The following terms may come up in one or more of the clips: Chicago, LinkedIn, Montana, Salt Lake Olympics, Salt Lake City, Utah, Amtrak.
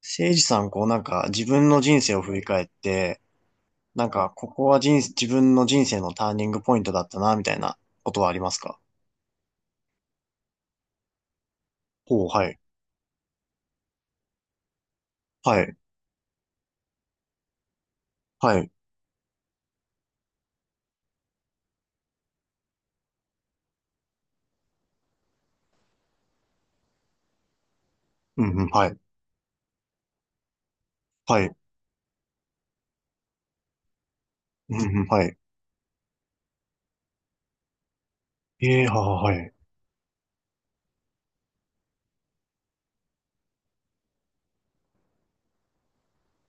せいじさん、こうなんか自分の人生を振り返って、なんかここは人生、自分の人生のターニングポイントだったな、みたいなことはありますか？ほう、はい。はい。はい。うん、うん、はい。はい。うん、うん、はい。ええ、はい。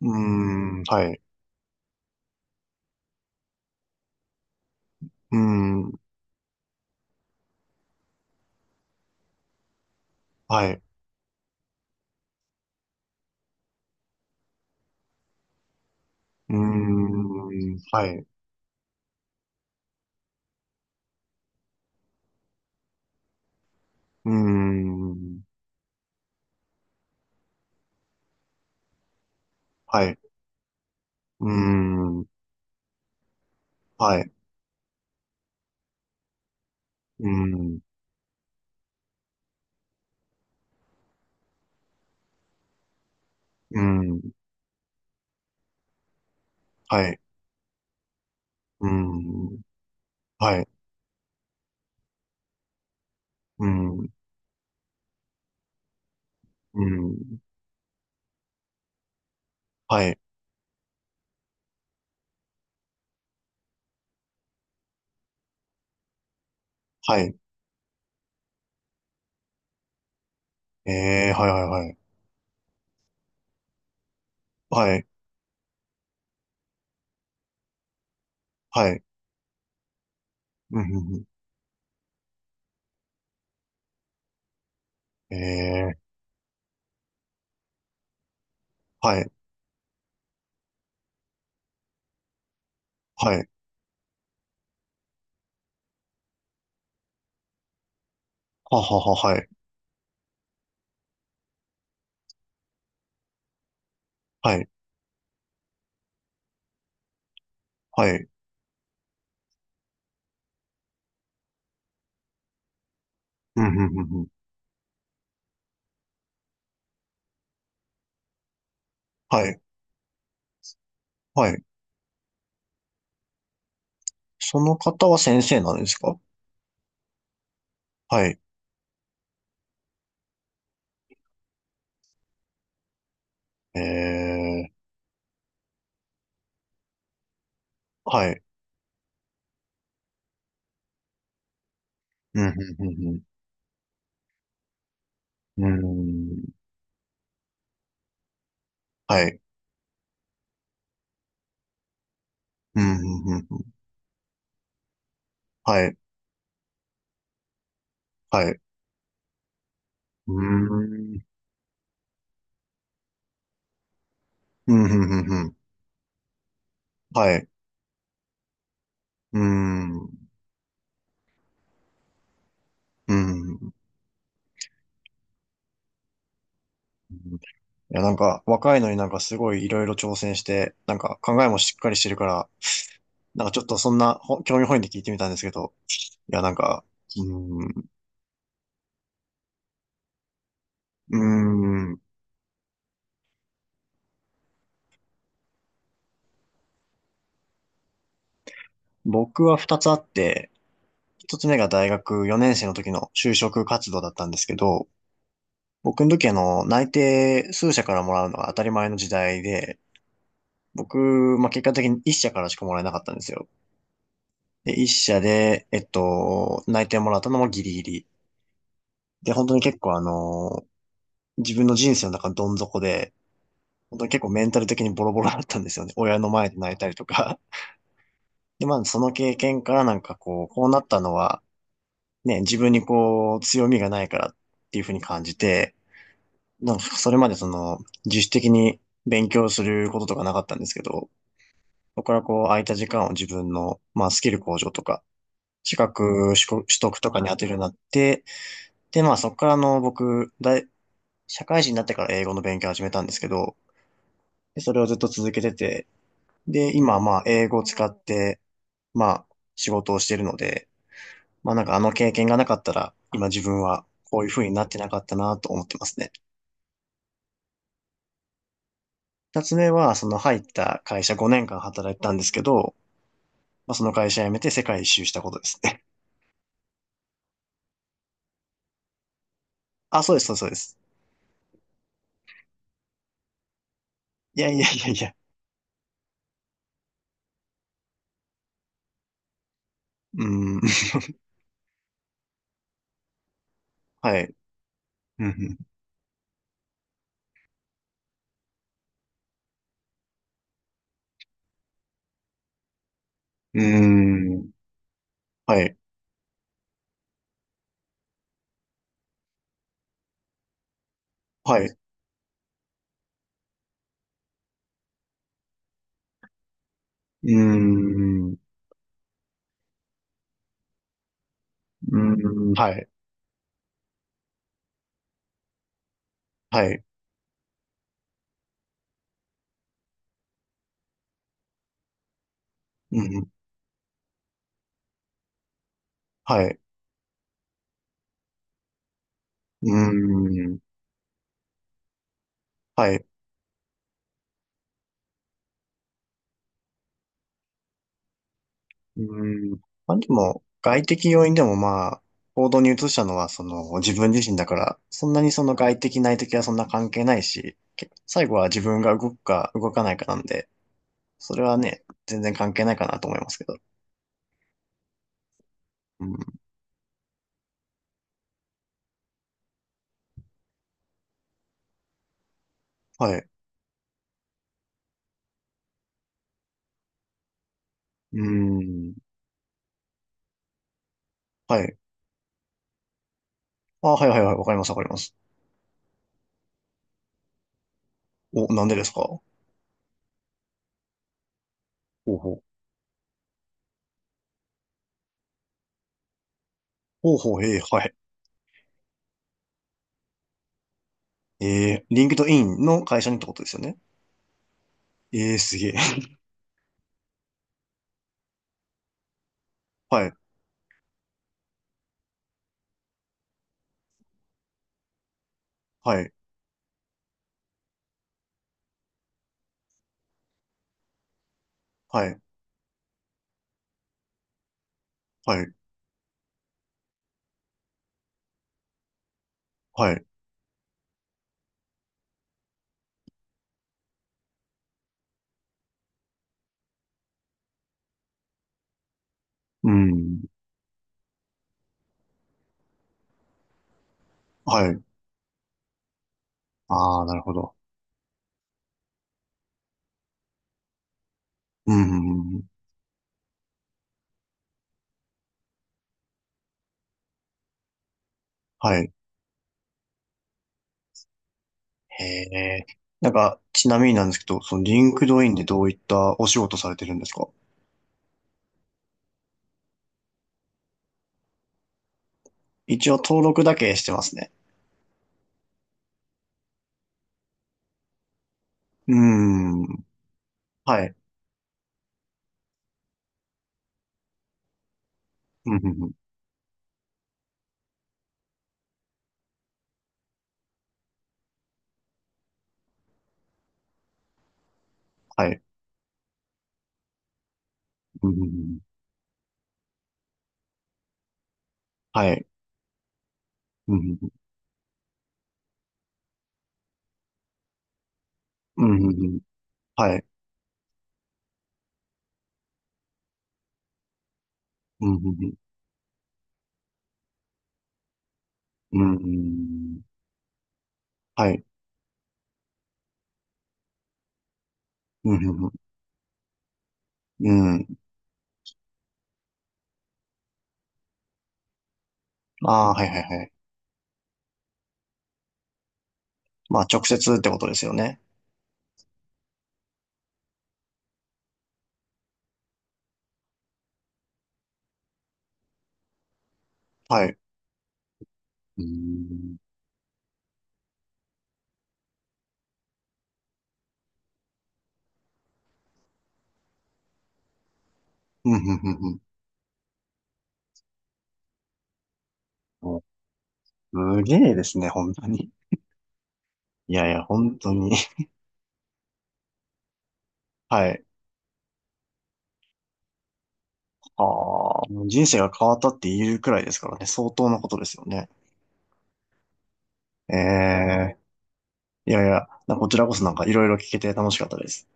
うーん、はい。うーん、はい。うーん、はい。うーん、はい。うーん、はい。うーん、うーん、はい。うーん、はい。うーん、うーん、はい。はい。ええ、はい、はい、はい。はい、はい、うん、うん、うん。えー、はい、はい、ははは、はい、はい、はい、うん、うん、うん、うん。はい、はい。その方は先生なんですか？はい、えー、はい、うん、うん、うん、うん、うーん、はい、うん、うん、うん、はい、はい、うーん、うん、うん、うん、うん、はい、うーん、うん、うん。いや、なんか、若いのになんかすごいいろいろ挑戦して、なんか考えもしっかりしてるから、なんかちょっとそんな興味本位で聞いてみたんですけど、いや、なんか、うーん、うーん、僕は二つあって、一つ目が大学4年生の時の就職活動だったんですけど、僕の時内定数社からもらうのが当たり前の時代で、僕、まあ、結果的に一社からしかもらえなかったんですよ。で、一社で、内定もらったのもギリギリ。で、本当に結構自分の人生の中のどん底で、本当に結構メンタル的にボロボロだったんですよね。親の前で泣いたりとか。で、まあその経験からなんかこうなったのは、ね、自分にこう、強みがないからっていうふうに感じて、なんかそれまで自主的に勉強することとかなかったんですけど、そこからこう、空いた時間を自分の、まあスキル向上とか、資格取得とかに当てるようになって、で、まあそこから僕、社会人になってから英語の勉強を始めたんですけど、でそれをずっと続けてて、で、今、まあ、英語を使って、まあ、仕事をしてるので、まあ、なんかあの経験がなかったら、今自分はこういう風になってなかったなと思ってますね。二つ目は、その入った会社5年間働いてたんですけど、まあ、その会社辞めて世界一周したことですね。あ、そうです、そうですそうです。いやいやいやいや。うーん、はい。うん、うん、うーん、はい。はい。うーん、うーん、はい。はい。うん、はい。うーん、はい。うん。まあでも、外的要因でもまあ、行動に移したのはその自分自身だから、そんなにその外的内的はそんな関係ないし、最後は自分が動くか動かないかなんで、それはね、全然関係ないかなと思いますけど。うん。はい。うん。はい。あ、はいはいはい。わかりますわかります。お、なんでですか？ほうほう。ほうほう、ええ、はい。ええ、リンクドインの会社にってことですよね？ええ、すげえ。はい。はい。はい。はい。はい。うん。はい。ああ、なるほど。うん。はい。へえ。なんか、ちなみになんですけど、そのリンクドインでどういったお仕事されてるんですか？一応登録だけしてますね。うーん。はい。うん、うんうん、はい。うん、うんうん、はい。うんうんうん、うんうんうん、はい。うん、うんうんうんうんうん、はい。うん、うんうんうん、ああはい、はい、はい。まあ、直接ってことですよね。はい。うーん。うん、うん、うんうん、お、すげえですね、本当に。いやいや、本当に。はい。ああ、もう人生が変わったって言えるくらいですからね、相当なことですよね。ええ、いやいや、こちらこそなんかいろいろ聞けて楽しかったです。